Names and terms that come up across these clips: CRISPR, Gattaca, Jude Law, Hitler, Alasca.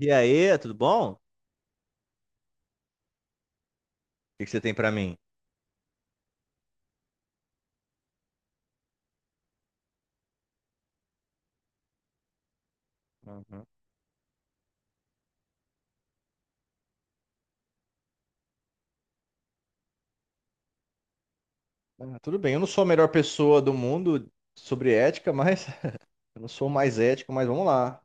E aí, tudo bom? O que que você tem pra mim? Uhum. Ah, tudo bem, eu não sou a melhor pessoa do mundo sobre ética, mas eu não sou o mais ético, mas vamos lá.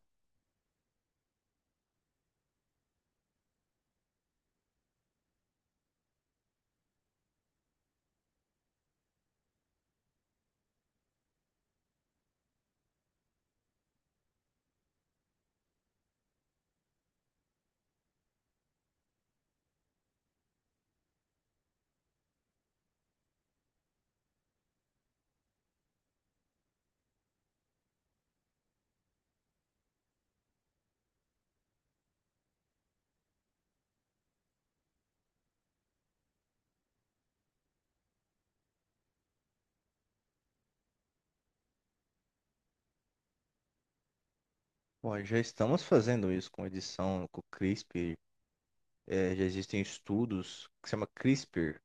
Bom, já estamos fazendo isso com edição, com CRISPR. É, já existem estudos que se chama CRISPR.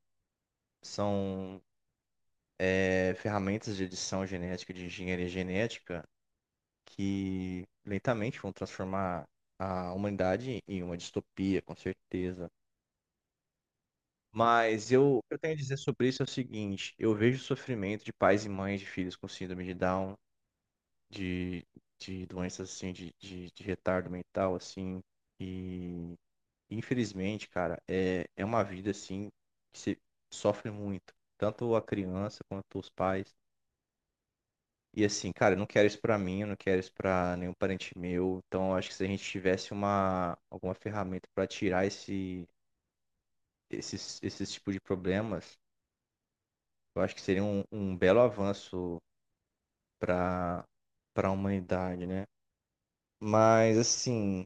São, ferramentas de edição genética, de engenharia genética, que lentamente vão transformar a humanidade em uma distopia, com certeza. Mas eu, o que eu tenho a dizer sobre isso é o seguinte: eu vejo o sofrimento de pais e mães de filhos com síndrome de Down, de, de doenças assim, de retardo mental, assim, e infelizmente, cara, é uma vida assim que se sofre muito, tanto a criança quanto os pais. E assim, cara, eu não quero isso pra mim, eu não quero isso pra nenhum parente meu. Então, eu acho que se a gente tivesse uma, alguma ferramenta pra tirar esse, esses tipos de problemas. Eu acho que seria um belo avanço para para a humanidade, né? Mas, assim,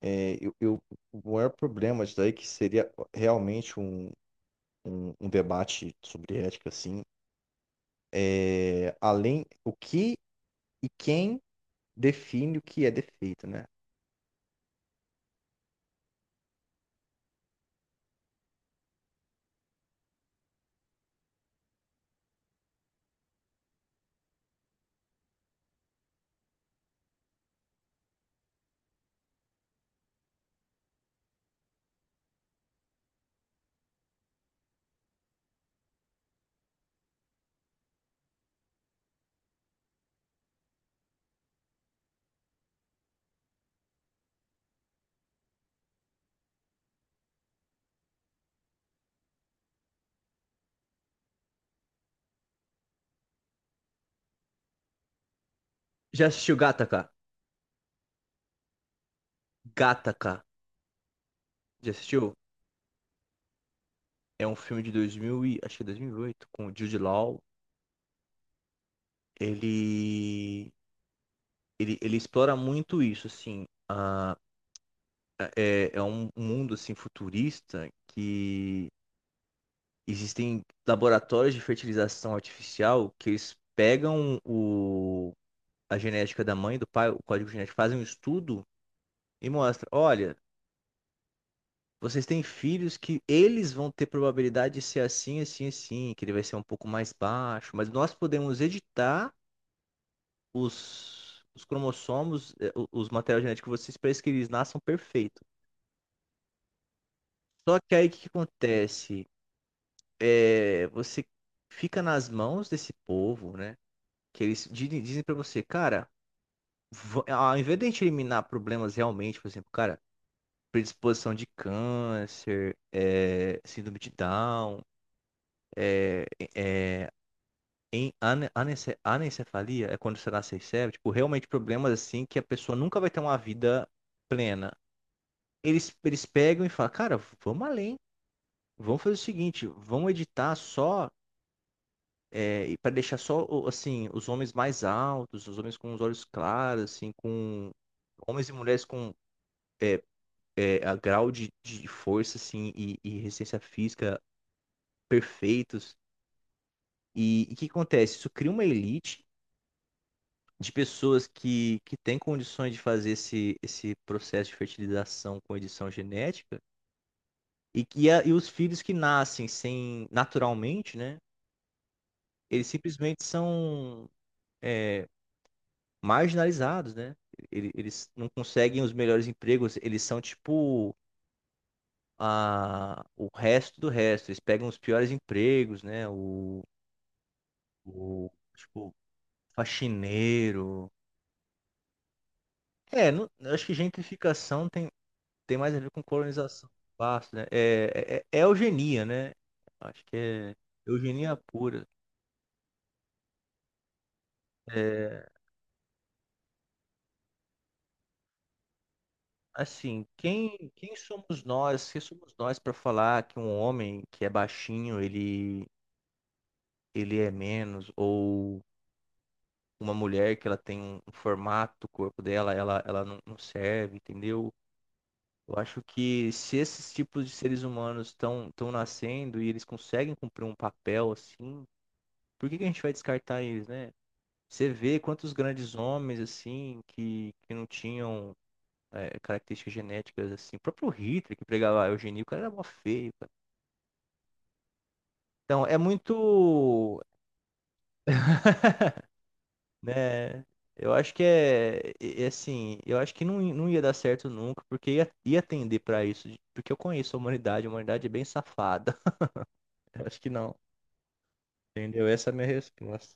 é, eu, eu- o maior problema disso daí é que seria realmente um debate sobre ética, assim, além o que e quem define o que é defeito, né? Já assistiu Gattaca? Gattaca. Já assistiu? É um filme de, acho que é 2008 com o Jude Law. Ele, ele explora muito isso, assim. É um mundo assim futurista que existem laboratórios de fertilização artificial que eles pegam a genética da mãe e do pai, o código genético, fazem um estudo e mostra, olha, vocês têm filhos que eles vão ter probabilidade de ser assim, assim, assim, que ele vai ser um pouco mais baixo, mas nós podemos editar os cromossomos, os materiais genéticos de vocês para que eles nasçam perfeitos. Só que aí o que que acontece? Você fica nas mãos desse povo, né? Que eles dizem pra você, cara, ao invés de a gente eliminar problemas realmente, por exemplo, cara, predisposição de câncer, síndrome de Down, é, é, em anencefalia, é quando você nasce cérebro, tipo, realmente problemas assim que a pessoa nunca vai ter uma vida plena. Eles pegam e falam, cara, vamos além. Vamos fazer o seguinte, vamos editar só. É, e para deixar só, assim, os homens mais altos, os homens com os olhos claros, assim, com homens e mulheres com é, a grau de força, assim, e resistência física perfeitos. E o que acontece? Isso cria uma elite de pessoas que têm condições de fazer esse processo de fertilização com edição genética e que e os filhos que nascem sem naturalmente, né? Eles simplesmente são eh, marginalizados, né? Eles não conseguem os melhores empregos, eles são tipo o resto do resto. Eles pegam os piores empregos, né? O Tipo, faxineiro. É, eu acho que gentrificação tem mais a ver com colonização do espaço, né? É eugenia, né? Acho que é eugenia pura. É, assim, quem somos nós? Quem somos nós para falar que um homem que é baixinho, ele é menos, ou uma mulher que ela tem um formato, o corpo dela, ela não serve, entendeu? Eu acho que se esses tipos de seres humanos estão nascendo e eles conseguem cumprir um papel assim, por que que a gente vai descartar eles, né? Você vê quantos grandes homens assim que não tinham características genéticas assim, o próprio Hitler que pregava a eugenia, o cara era mó feio, cara. Então, é muito né? Eu acho que é assim, eu acho que não, não ia dar certo nunca, porque ia tender pra isso, porque eu conheço a humanidade é bem safada. Eu acho que não, entendeu? Essa é a minha resposta.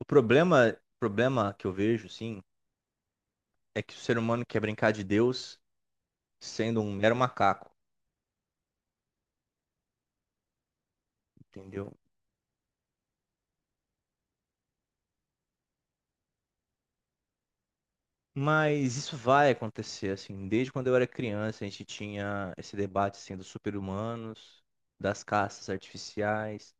O problema que eu vejo, sim, é que o ser humano quer brincar de Deus sendo um mero macaco, entendeu? Mas isso vai acontecer, assim, desde quando eu era criança, a gente tinha esse debate, assim, dos super-humanos, das caças artificiais.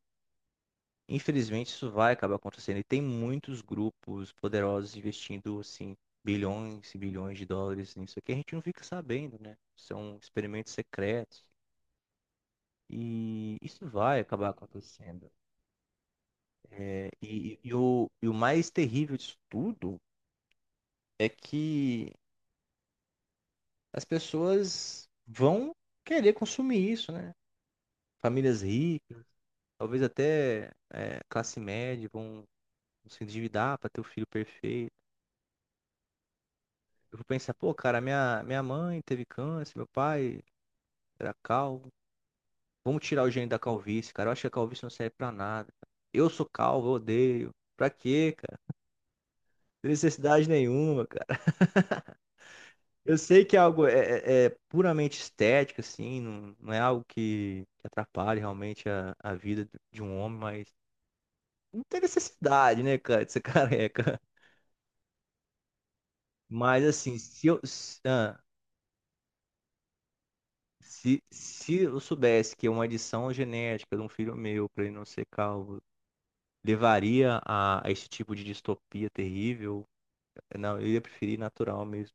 Infelizmente, isso vai acabar acontecendo. E tem muitos grupos poderosos investindo, assim, bilhões e bilhões de dólares nisso aqui. A gente não fica sabendo, né? São experimentos secretos. E isso vai acabar acontecendo. É, e o mais terrível disso tudo é que as pessoas vão querer consumir isso, né? Famílias ricas, talvez até classe média, vão se endividar para ter o filho perfeito. Eu vou pensar, pô, cara, minha mãe teve câncer, meu pai era calvo. Vamos tirar o gene da calvície, cara. Eu acho que a calvície não serve pra nada. Eu sou calvo, eu odeio. Pra quê, cara? Não tem necessidade nenhuma, cara. Eu sei que é algo é puramente estético, assim, não é algo que atrapalhe realmente a vida de um homem, mas não tem necessidade, né, cara, de ser careca. Mas assim, se eu. Se- ah, Se eu soubesse que uma adição genética de um filho meu para ele não ser calvo levaria a esse tipo de distopia terrível, não, eu ia preferir natural mesmo.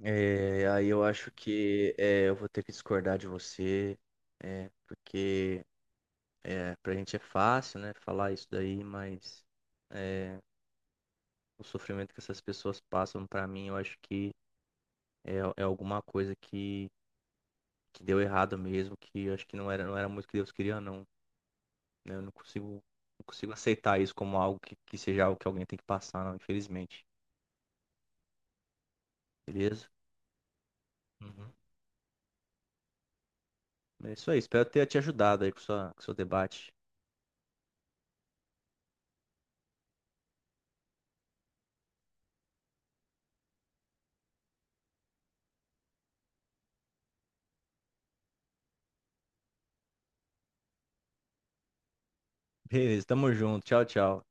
É, aí eu acho que eu vou ter que discordar de você, porque pra gente é fácil, né, falar isso daí, mas é, o sofrimento que essas pessoas passam, pra mim, eu acho que é alguma coisa que deu errado mesmo, que eu acho que não era muito que Deus queria, não. né? Eu não consigo, Não consigo aceitar isso como algo que seja algo que alguém tem que passar, não, infelizmente. Beleza? Uhum. É isso aí. Espero ter te ajudado aí com seu debate. Beleza, tamo junto. Tchau, tchau.